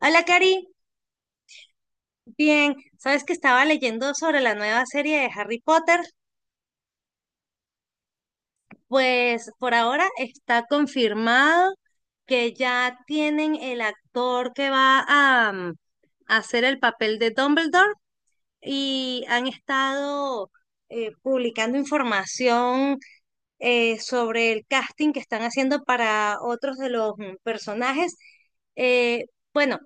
Hola, Cari. Bien, sabes que estaba leyendo sobre la nueva serie de Harry Potter. Pues por ahora está confirmado que ya tienen el actor que va a, a hacer el papel de Dumbledore y han estado publicando información sobre el casting que están haciendo para otros de los personajes. Eh, bueno,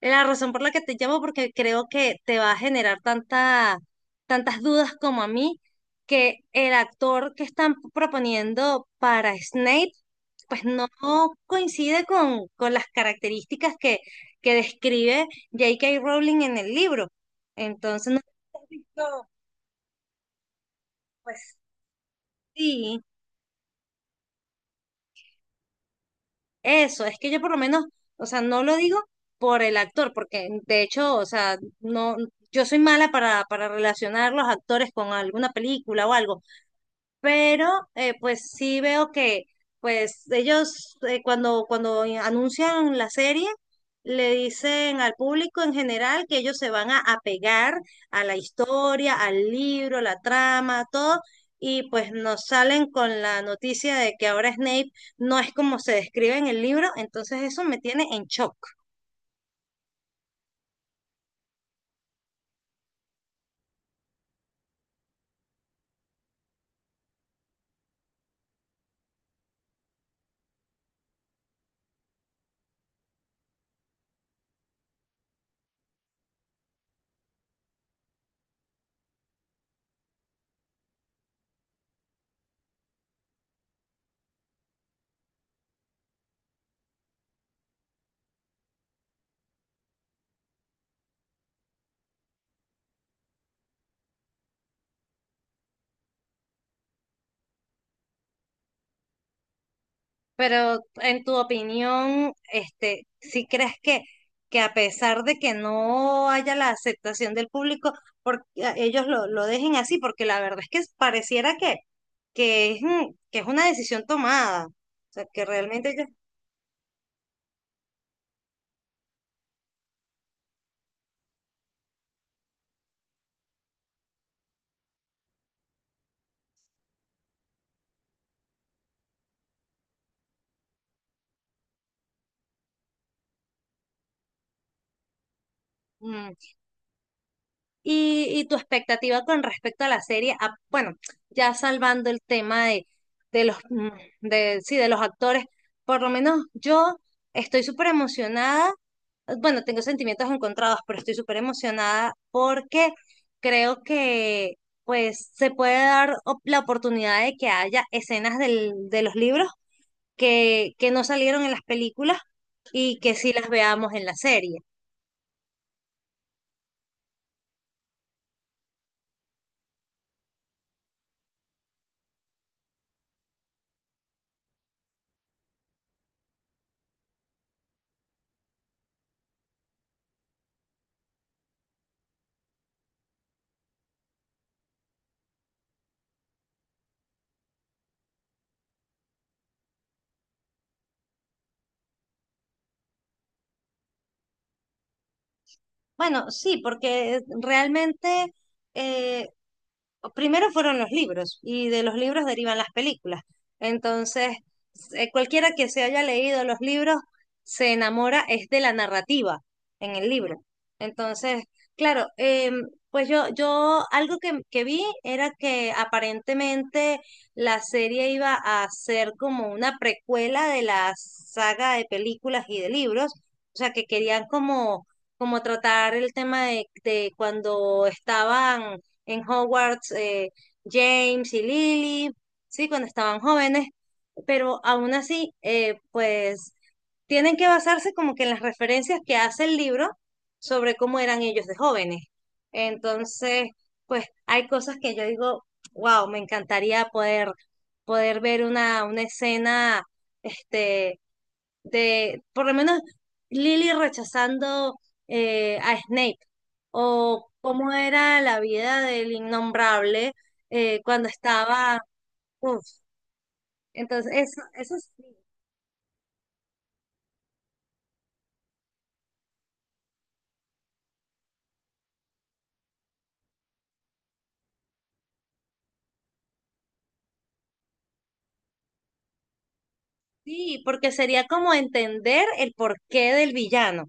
la razón por la que te llamo, porque creo que te va a generar tantas dudas como a mí, que el actor que están proponiendo para Snape, pues no coincide con las características que describe J.K. Rowling en el libro. Entonces, no sé si has visto, pues sí. Eso, es que yo por lo menos, o sea, no lo digo por el actor, porque de hecho, o sea, no, yo soy mala para relacionar los actores con alguna película o algo, pero pues sí veo que pues ellos cuando anuncian la serie le dicen al público en general que ellos se van a apegar a la historia, al libro, la trama, todo, y pues nos salen con la noticia de que ahora Snape no es como se describe en el libro, entonces eso me tiene en shock. Pero en tu opinión, este, si crees que a pesar de que no haya la aceptación del público, ellos lo dejen así, porque la verdad es que pareciera que es, que es una decisión tomada. O sea, que realmente ellos... Mm. Y tu expectativa con respecto a la serie, bueno, ya salvando el tema de los, de, sí, de los actores, por lo menos yo estoy súper emocionada, bueno, tengo sentimientos encontrados, pero estoy súper emocionada porque creo que pues se puede dar la oportunidad de que haya escenas del, de los libros que no salieron en las películas y que sí las veamos en la serie. Bueno, sí, porque realmente, eh, primero fueron los libros y de los libros derivan las películas. Entonces, cualquiera que se haya leído los libros se enamora es de la narrativa en el libro. Entonces, claro, pues yo algo que vi era que aparentemente la serie iba a ser como una precuela de la saga de películas y de libros. O sea, que querían como, como tratar el tema de cuando estaban en Hogwarts James y Lily, sí, cuando estaban jóvenes, pero aún así, pues tienen que basarse como que en las referencias que hace el libro sobre cómo eran ellos de jóvenes. Entonces, pues hay cosas que yo digo, wow, me encantaría poder ver una escena, este, de, por lo menos Lily rechazando a Snape, o cómo era la vida del innombrable cuando estaba, uf, entonces eso sí, sí, porque sería como entender el porqué del villano,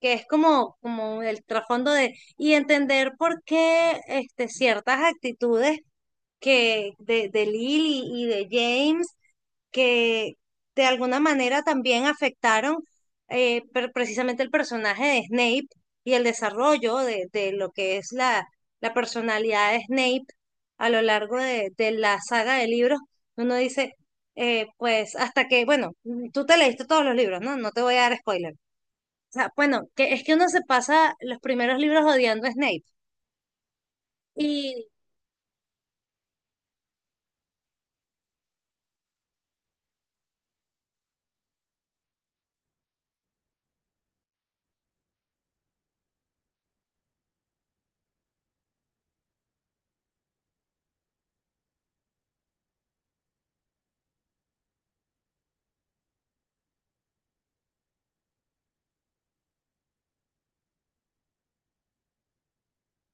que es como, como el trasfondo de, y entender por qué este, ciertas actitudes que de Lily y de James que de alguna manera también afectaron precisamente el personaje de Snape y el desarrollo de lo que es la, la personalidad de Snape a lo largo de la saga de libros. Uno dice, pues hasta que, bueno, tú te leíste todos los libros, ¿no? No te voy a dar spoiler. O sea, bueno, que es que uno se pasa los primeros libros odiando a Snape.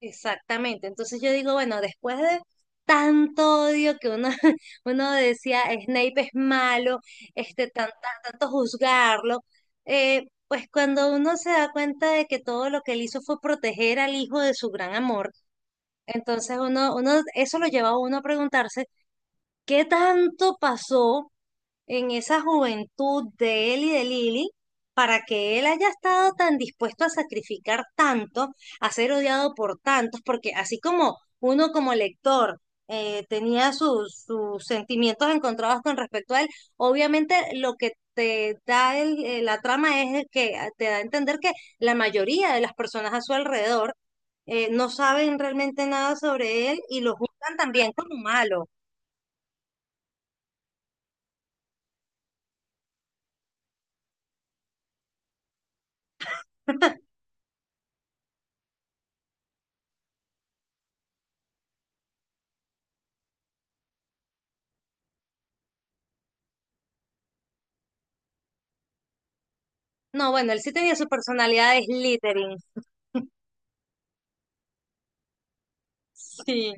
Exactamente. Entonces yo digo, bueno, después de tanto odio que uno, uno decía Snape es malo, este, tanto juzgarlo, pues cuando uno se da cuenta de que todo lo que él hizo fue proteger al hijo de su gran amor, entonces uno, eso lo lleva a uno a preguntarse, ¿qué tanto pasó en esa juventud de él y de Lili, para que él haya estado tan dispuesto a sacrificar tanto, a ser odiado por tantos? Porque así como uno como lector tenía sus, sus sentimientos encontrados con respecto a él, obviamente lo que te da la trama es el que te da a entender que la mayoría de las personas a su alrededor no saben realmente nada sobre él y lo juzgan también como malo. No, bueno, él sí tenía su personalidad de Slytherin. Sí,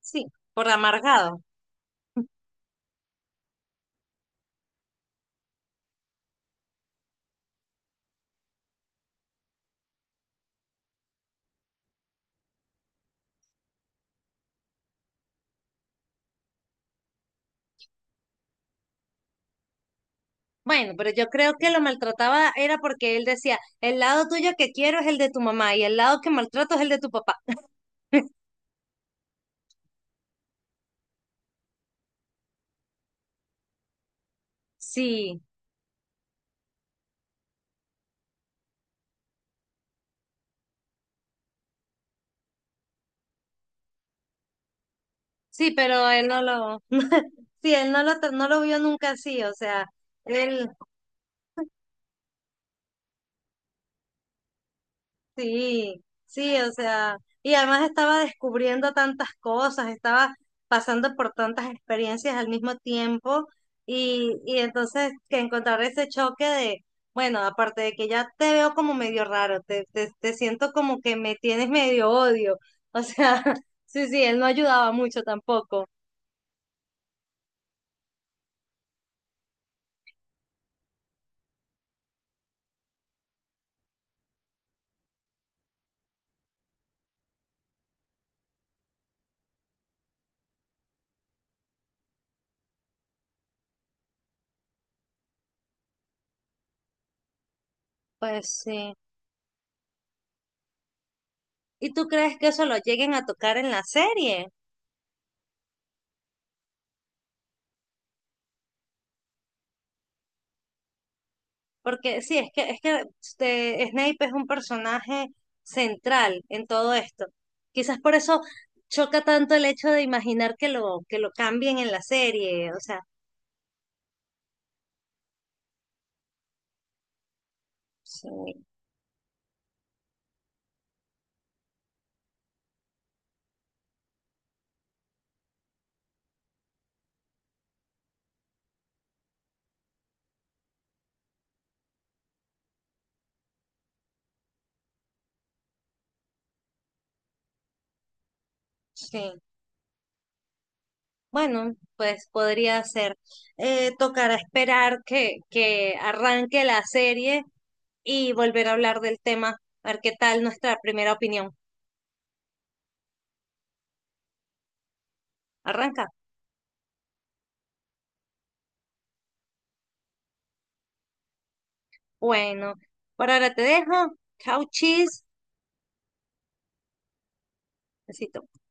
sí, por amargado. Bueno, pero yo creo que lo maltrataba era porque él decía, el lado tuyo que quiero es el de tu mamá y el lado que maltrato es el de tu papá. Sí, sí, pero él no lo, sí, él no lo, no lo vio nunca así, o sea, él, sí, sí, o sea, y además estaba descubriendo tantas cosas, estaba pasando por tantas experiencias al mismo tiempo y entonces que encontrar ese choque de, bueno, aparte de que ya te veo como medio raro, te siento como que me tienes medio odio, o sea, sí, sí, él no ayudaba mucho tampoco, pues sí. ¿Y tú crees que eso lo lleguen a tocar en la serie? Porque sí, es que este, Snape es un personaje central en todo esto. Quizás por eso choca tanto el hecho de imaginar que lo cambien en la serie. O sea, sí, sí. Bueno, pues podría ser. Tocará esperar que arranque la serie y volver a hablar del tema, a ver qué tal nuestra primera opinión. ¿Arranca? Bueno, por ahora te dejo. Chau, chis. Besito.